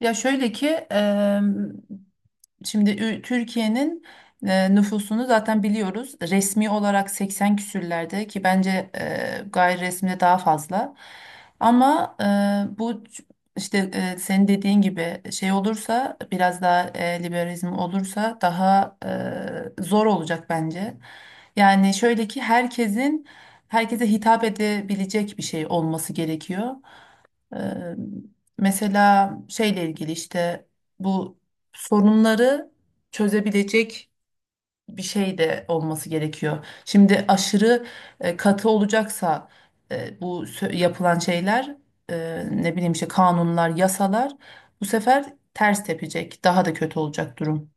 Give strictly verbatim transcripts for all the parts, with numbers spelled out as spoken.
Ya şöyle ki e, şimdi Ü- Türkiye'nin e, nüfusunu zaten biliyoruz. Resmi olarak seksen küsürlerde ki bence e, gayri resmi de daha fazla. Ama e, bu ç- işte e, senin dediğin gibi şey olursa biraz daha e, liberalizm olursa daha e, zor olacak bence. Yani şöyle ki herkesin herkese hitap edebilecek bir şey olması gerekiyor. Eee, mesela şeyle ilgili işte bu sorunları çözebilecek bir şey de olması gerekiyor. Şimdi aşırı e, katı olacaksa, e, bu sö- yapılan şeyler, e, ne bileyim işte kanunlar, yasalar bu sefer ters tepecek. Daha da kötü olacak durum.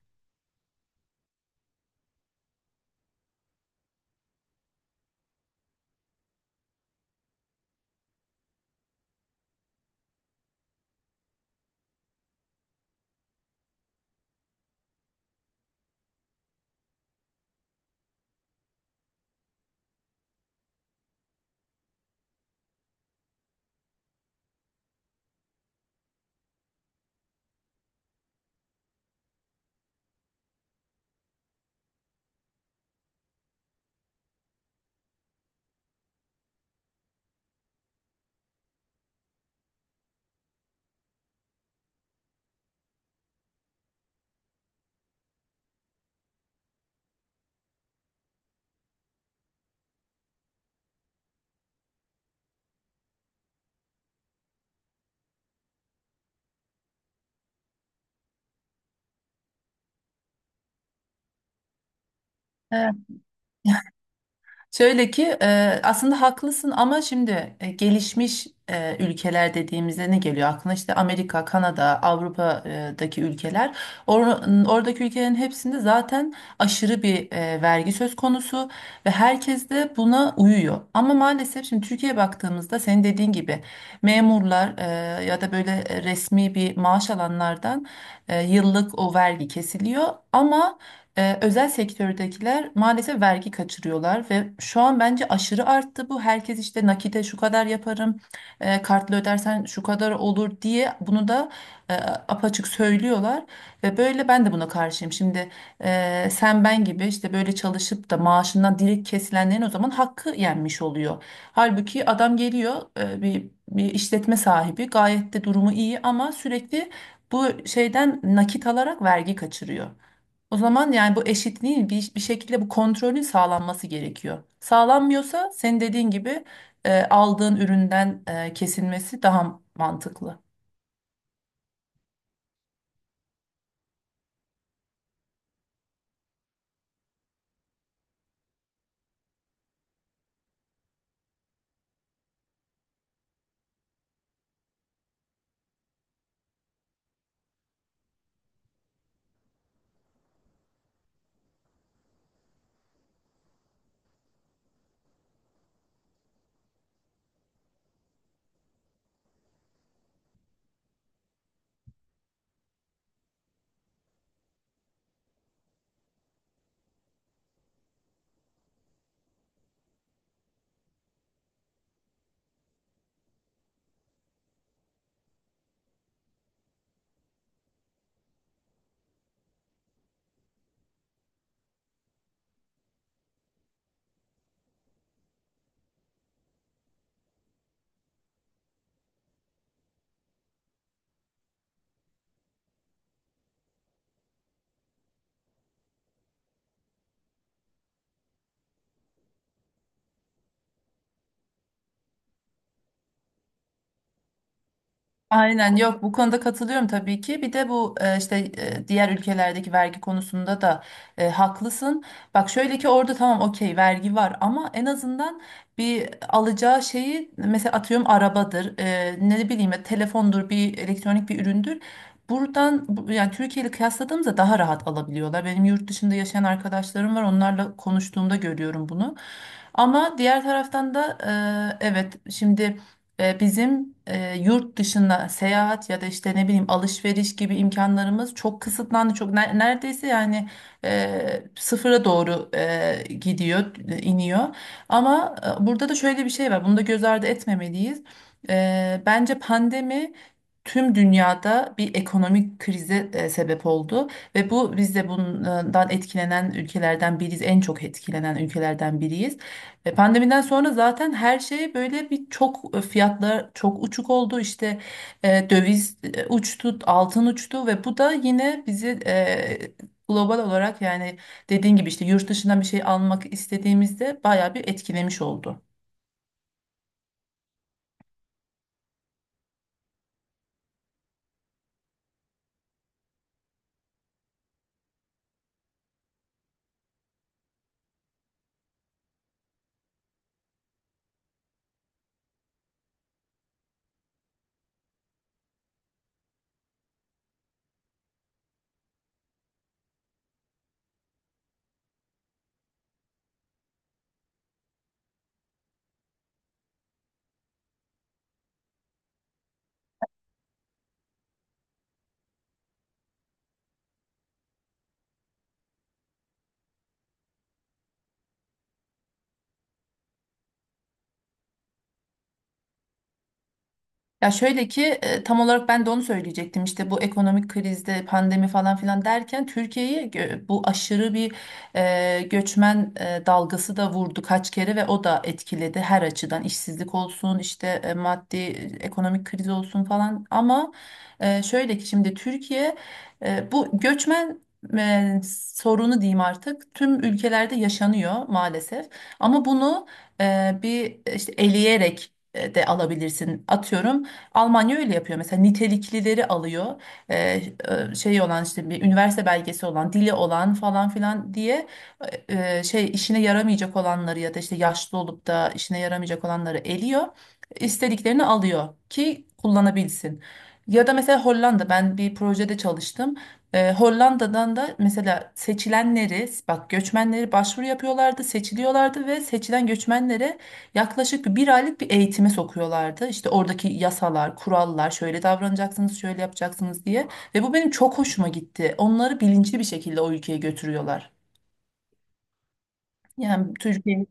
Şöyle ki e, aslında haklısın ama şimdi e, gelişmiş e, ülkeler dediğimizde ne geliyor aklına? İşte Amerika, Kanada, Avrupa'daki ülkeler. Or- oradaki ülkelerin hepsinde zaten aşırı bir e, vergi söz konusu ve herkes de buna uyuyor. Ama maalesef şimdi Türkiye'ye baktığımızda, senin dediğin gibi memurlar, e, ya da böyle resmi bir maaş alanlardan e, yıllık o vergi kesiliyor, ama ee, özel sektördekiler maalesef vergi kaçırıyorlar ve şu an bence aşırı arttı bu. Herkes işte nakite şu kadar yaparım, e, kartla ödersen şu kadar olur diye, bunu da e, apaçık söylüyorlar. Ve böyle ben de buna karşıyım. Şimdi e, sen ben gibi işte böyle çalışıp da maaşından direkt kesilenlerin o zaman hakkı yenmiş oluyor. Halbuki adam geliyor, e, bir, bir işletme sahibi, gayet de durumu iyi ama sürekli bu şeyden nakit alarak vergi kaçırıyor. O zaman yani bu eşitliğin bir, bir şekilde bu kontrolün sağlanması gerekiyor. Sağlanmıyorsa senin dediğin gibi e, aldığın üründen e, kesilmesi daha mantıklı. Aynen, yok, bu konuda katılıyorum tabii ki. Bir de bu e, işte e, diğer ülkelerdeki vergi konusunda da e, haklısın. Bak şöyle ki orada, tamam, okey, vergi var ama en azından bir alacağı şeyi, mesela atıyorum arabadır, e, ne bileyim ya, telefondur, bir elektronik bir üründür. Buradan bu- yani Türkiye ile kıyasladığımızda daha rahat alabiliyorlar. Benim yurt dışında yaşayan arkadaşlarım var. Onlarla konuştuğumda görüyorum bunu. Ama diğer taraftan da e, evet şimdi e, Bizim e, yurt dışında seyahat ya da işte ne bileyim alışveriş gibi imkanlarımız çok kısıtlandı. Çok ne- neredeyse yani e, sıfıra doğru e, gidiyor, e, iniyor. Ama e, burada da şöyle bir şey var. Bunu da göz ardı etmemeliyiz. E, bence pandemi tüm dünyada bir ekonomik krize e, sebep oldu ve bu, biz de bundan etkilenen ülkelerden biriyiz. En çok etkilenen ülkelerden biriyiz. E, Pandemiden sonra zaten her şey böyle bir çok, e, fiyatlar çok uçuk oldu. İşte e, döviz e, uçtu, altın uçtu ve bu da yine bizi e, global olarak, yani dediğin gibi işte yurt dışından bir şey almak istediğimizde, bayağı bir etkilemiş oldu. Ya şöyle ki e, tam olarak ben de onu söyleyecektim. İşte bu ekonomik krizde, pandemi falan filan derken, Türkiye'yi gö- bu aşırı bir e, göçmen e, dalgası da vurdu kaç kere ve o da etkiledi her açıdan, işsizlik olsun, işte e, maddi e, ekonomik kriz olsun falan. Ama e, şöyle ki şimdi Türkiye, e, bu göçmen e, sorunu diyeyim, artık tüm ülkelerde yaşanıyor maalesef. Ama bunu e, bir işte eleyerek e, de alabilirsin. Atıyorum, Almanya öyle yapıyor, mesela niteliklileri alıyor. Ee, e, şey olan, işte bir üniversite belgesi olan, dili olan falan filan diye, e, e, şey işine yaramayacak olanları ya da işte yaşlı olup da işine yaramayacak olanları eliyor, istediklerini alıyor ki kullanabilsin. Ya da mesela Hollanda, ben bir projede çalıştım. Ee, Hollanda'dan da, mesela seçilenleri bak, göçmenleri, başvuru yapıyorlardı, seçiliyorlardı ve seçilen göçmenlere Yaklaşık bir aylık bir eğitime sokuyorlardı. İşte oradaki yasalar, kurallar, şöyle davranacaksınız, şöyle yapacaksınız diye. Ve bu benim çok hoşuma gitti. Onları bilinçli bir şekilde o ülkeye götürüyorlar. Yani Türkiye.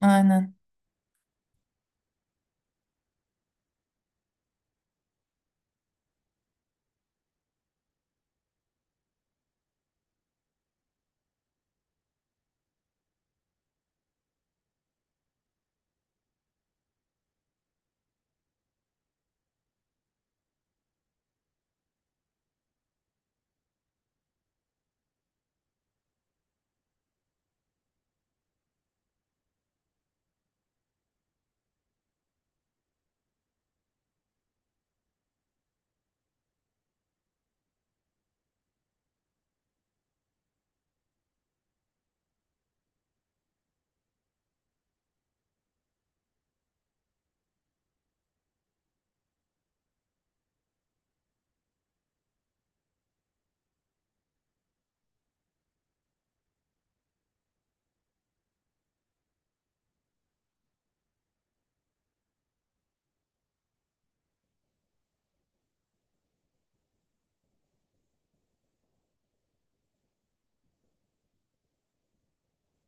Aynen.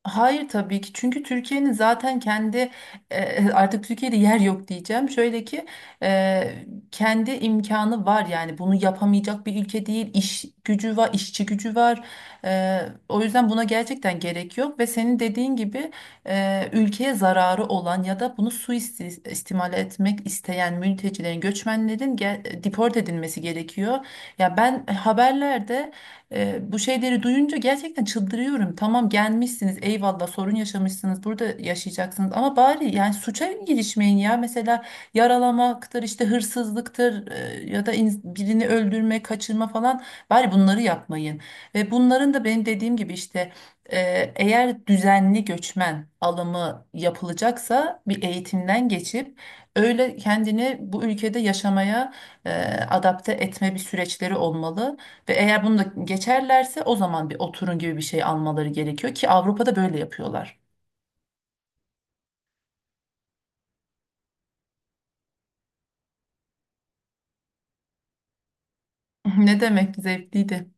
Hayır tabii ki, çünkü Türkiye'nin zaten kendi e, artık Türkiye'de yer yok diyeceğim. Şöyle ki e, kendi imkanı var, yani bunu yapamayacak bir ülke değil. İş gücü var, işçi gücü var. E, o yüzden buna gerçekten gerek yok ve senin dediğin gibi e, ülkeye zararı olan ya da bunu suistimal etmek isteyen mültecilerin, göçmenlerin gel- deport edilmesi gerekiyor. Ya ben haberlerde e, bu şeyleri duyunca gerçekten çıldırıyorum. Tamam, gelmişsiniz, eyvallah, sorun yaşamışsınız, burada yaşayacaksınız, ama bari yani suça girişmeyin ya. Mesela yaralamaktır, işte hırsızlıktır, e, ya da ins- birini öldürme, kaçırma falan, bari bunları yapmayın. Ve bunların da, benim dediğim gibi işte, e, eğer düzenli göçmen alımı yapılacaksa bir eğitimden geçip, öyle kendini bu ülkede yaşamaya e, adapte etme bir süreçleri olmalı. Ve eğer bunu da geçerlerse, o zaman bir oturun gibi bir şey almaları gerekiyor ki, Avrupa'da böyle yapıyorlar. Ne demek, zevkliydi.